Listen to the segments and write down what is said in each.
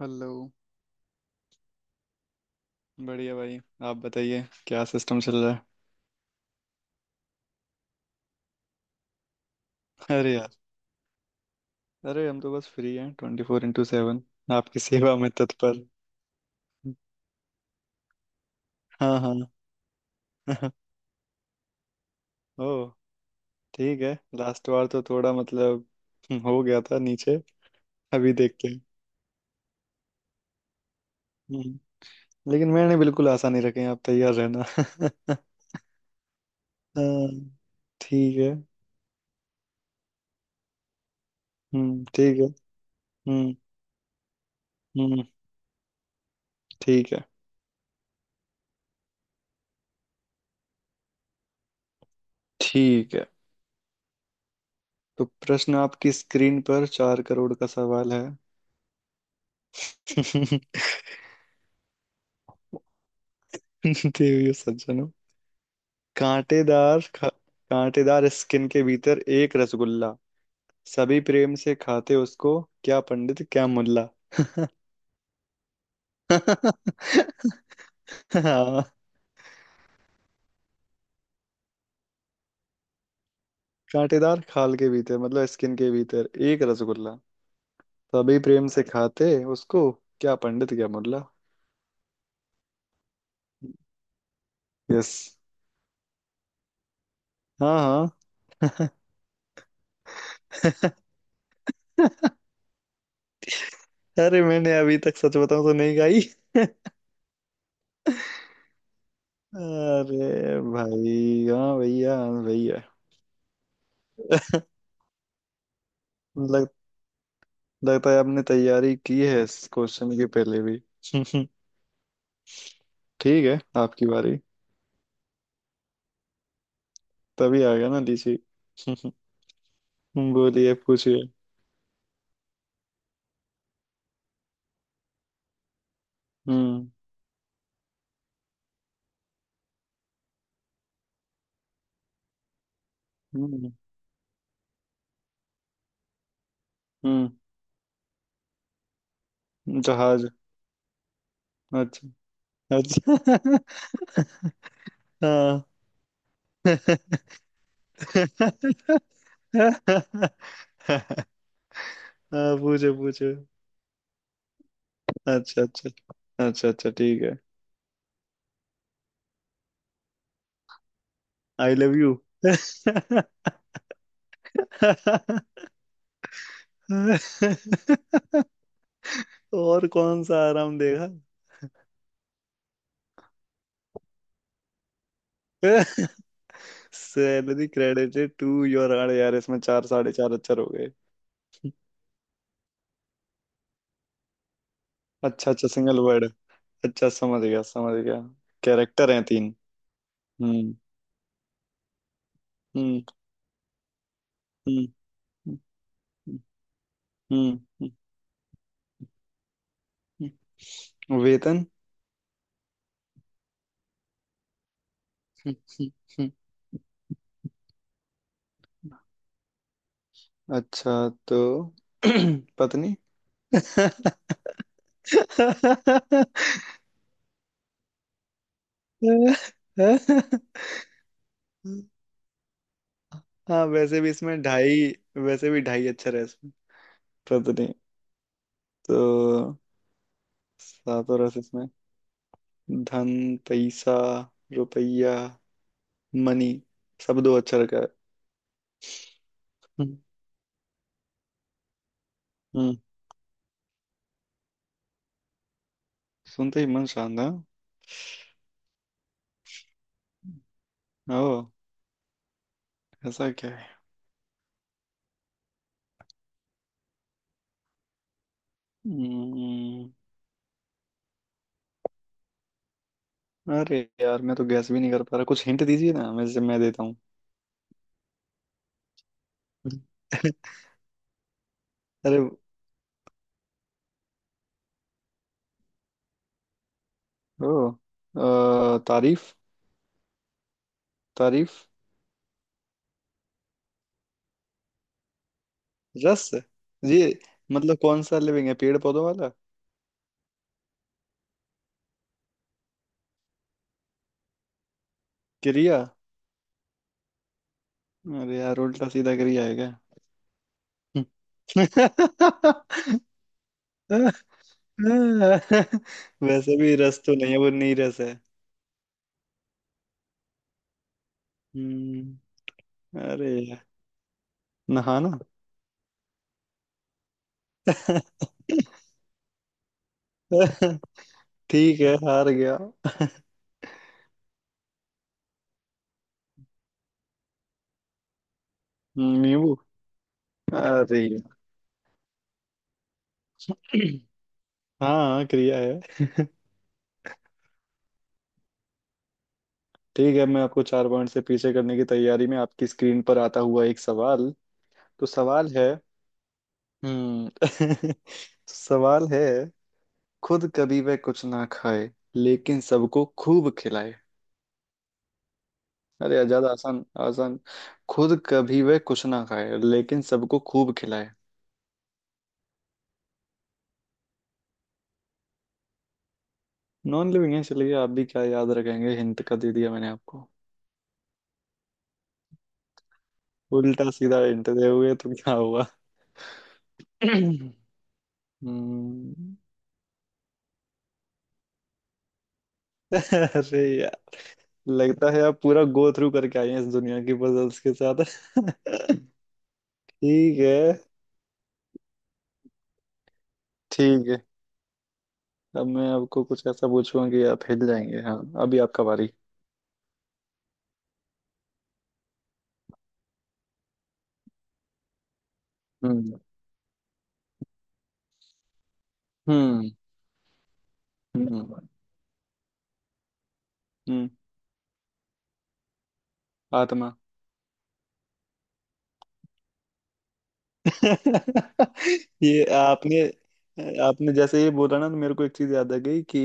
Hello. बढ़िया भाई। आप बताइए क्या सिस्टम चल रहा है। अरे यार, अरे हम तो बस फ्री हैं ट्वेंटी फोर इंटू सेवन। आपकी सेवा में तत्पर। हाँ हाँ। ओ, ठीक है। लास्ट बार तो थोड़ा हो गया था नीचे। अभी देखते हैं। हम्म, लेकिन मैंने बिल्कुल आशा नहीं रखे हैं, आप तैयार रहना। हाँ, ठीक है। ठीक है। हम्म हम्म ठीक है। ठीक है। तो प्रश्न आपकी स्क्रीन पर चार करोड़ का सवाल है। देवियों सज्जनों, कांटेदार खा, कांटेदार स्किन के भीतर एक रसगुल्ला, सभी प्रेम से खाते उसको, क्या पंडित क्या मुल्ला। हाँ, कांटेदार खाल के भीतर मतलब स्किन के भीतर एक रसगुल्ला, सभी प्रेम से खाते उसको, क्या पंडित क्या मुल्ला। यस। हाँ हाँ। अरे मैंने अभी तक सच बताऊं तो नहीं गाई। अरे भाई हाँ भैया हाँ भैया। लगता लगता है आपने तैयारी की है इस क्वेश्चन के पहले भी। ठीक है, आपकी बारी। तभी आ गया ना लीची। बोलिए पूछिए। हम्म। हम्म। हम्म। जहाज। अच्छा अच्छा। हाँ। हाँ पूछो पूछो। अच्छा अच्छा। अच्छा अच्छा, ठीक है। I love you. और कौन सा आराम देगा। सैलरी क्रेडिटेड टू योर, अरे यार इसमें चार साढ़े चार अक्षर हो गए। अच्छा अच्छा, सिंगल वर्ड। अच्छा समझ गया समझ गया। कैरेक्टर हैं तीन। हम्म। हम्म। हम्म। हम्म। वेतन। हम्म, हम्म, हम्म। अच्छा तो पत्नी। हाँ वैसे भी ढाई अक्षर है इसमें। पत्नी तो सातों रस इसमें। धन, पैसा, रुपया, मनी, सब दो अक्षर का है। हम्म। हम्म, सुनते ही मन शांत है। ओ, ऐसा क्या है। हम्म, अरे यार मैं तो गैस भी नहीं कर पा रहा, कुछ हिंट दीजिए ना, मैं देता हूँ। अरे, ओ, तारीफ। तारीफ। रस। ये मतलब कौन सा लिविंग है, पेड़ पौधों वाला। क्रिया। अरे यार उल्टा सीधा क्रिया है क्या। हाँ, वैसे भी रस तो नहीं है, वो नहीं रस है। हम्म, अरे यार, नहाना। ठीक है, हार गया। नींबू। अरे यार। हाँ क्रिया है। ठीक है, मैं आपको चार पॉइंट से पीछे करने की तैयारी में आपकी स्क्रीन पर आता हुआ एक सवाल। तो सवाल है, हम्म, सवाल है, खुद कभी वह कुछ ना खाए लेकिन सबको खूब खिलाए। अरे यार, ज्यादा आसान आसान। खुद कभी वह कुछ ना खाए लेकिन सबको खूब खिलाए। नॉन लिविंग है, इसलिए आप भी क्या याद रखेंगे, हिंट का दे दिया मैंने आपको। उल्टा सीधा हिंट दे हुए तो क्या हुआ। हम्म, अरे यार, लगता है आप पूरा गो थ्रू करके आए हैं इस दुनिया की पजल्स के साथ। ठीक है। ठीक है, अब मैं आपको कुछ ऐसा पूछूंगा कि आप हिल जाएंगे, हाँ अभी आपका बारी। हम्म। हम्म। हम्म। हम्म। आत्मा। ये आपने, आपने जैसे ये बोला ना, तो मेरे को एक चीज याद आ गई कि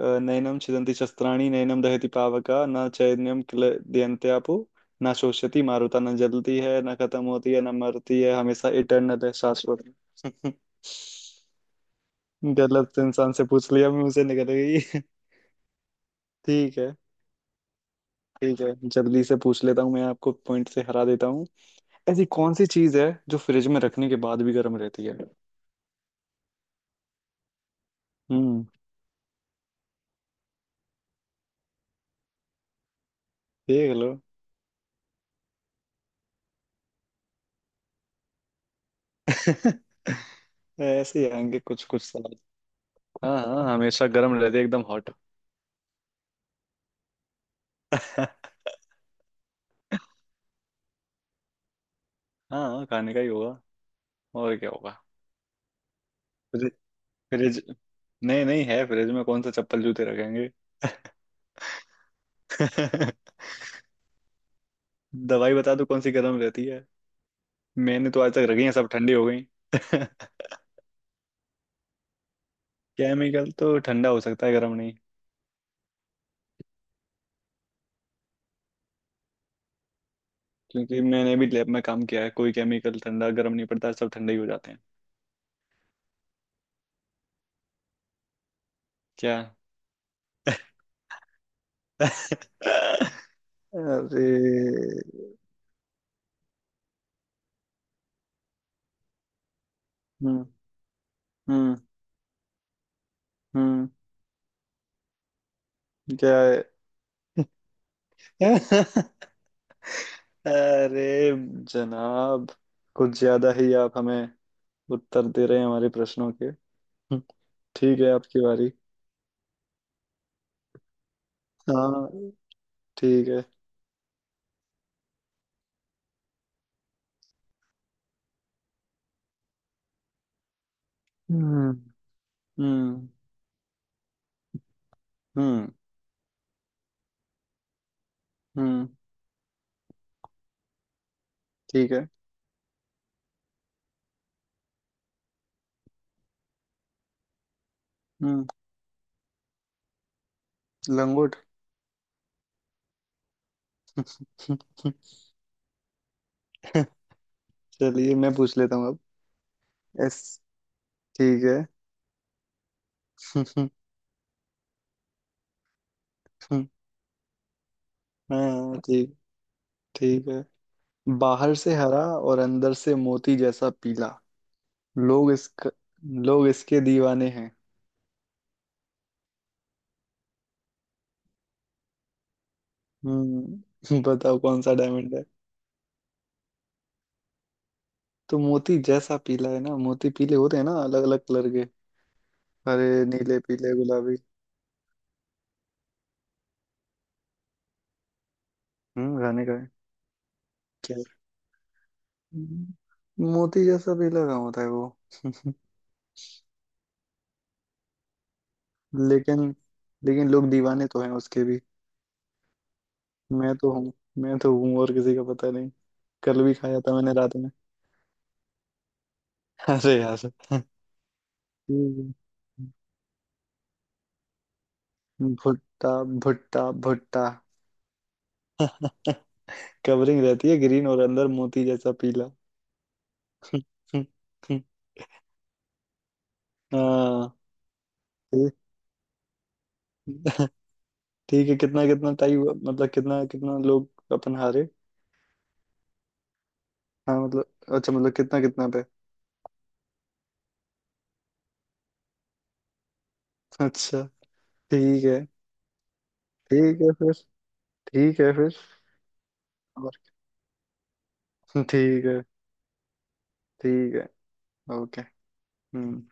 नैनम छिदन्ति शस्त्राणि नैनम दहति पावका न चैनम क्लेदयन्ते आपो न शोषयति मारुता। न जलती है न खत्म होती है न मरती है, हमेशा इटर्नल है, शाश्वत है। गलत तो इंसान से पूछ लिया, मैं उसे निकल गई। ठीक है। ठीक है, जल्दी से पूछ लेता हूँ, मैं आपको पॉइंट से हरा देता हूँ। ऐसी कौन सी चीज है जो फ्रिज में रखने के बाद भी गर्म रहती है। हम्म, देख लो। ऐसे ही आएंगे कुछ कुछ सवाल। हाँ हाँ हमेशा गर्म रहते एकदम हॉट। हाँ खाने का ही होगा, और क्या होगा। फ्रिज फ्रिज नहीं, नहीं है फ्रिज में, कौन सा चप्पल जूते रखेंगे। दवाई बता दो कौन सी गर्म रहती है। मैंने तो आज तक रखी है सब ठंडी हो गई। केमिकल तो ठंडा हो सकता है गर्म नहीं। क्योंकि मैंने भी लैब में काम किया है, कोई केमिकल ठंडा गर्म नहीं पड़ता, सब ठंडे ही हो जाते हैं। क्या। अरे। हम्म। हम्म। हम्म। क्या है। अरे जनाब, कुछ ज्यादा ही आप हमें उत्तर दे रहे हैं हमारे प्रश्नों के। हम्म, ठीक है आपकी बारी। हाँ ठीक है। हम्म। हम्म। हम्म। हम्म। ठीक है। हम्म। लंगोट। चलिए मैं पूछ लेता हूँ अब। यस। ठीक है। हाँ ठीक, ठीक है। बाहर से हरा और अंदर से मोती जैसा पीला, लोग इसका लोग इसके दीवाने हैं। हम्म। बताओ कौन सा डायमंड है। तो मोती जैसा पीला है ना, मोती पीले होते हैं ना अलग अलग कलर के। हरे, नीले, पीले, गुलाबी। खाने का है। क्या। हम्म, मोती जैसा पीला कहाँ होता है वो। लेकिन, लोग दीवाने तो हैं उसके भी। मैं तो हूँ। और किसी का पता नहीं। कल भी खाया था मैंने रात में। अरे यार, ठीक है। भुट्टा, भुट्टा। कवरिंग रहती है ग्रीन और अंदर मोती जैसा पीला। हाँ ठीक, ठीक है, कितना कितना टाई हुआ, मतलब कितना कितना, लोग अपन हारे। हाँ मतलब, अच्छा, मतलब कितना कितना पे। अच्छा, ठीक है। ठीक है फिर। ठीक है फिर। और, ठीक है। ठीक है, ओके। हम्म।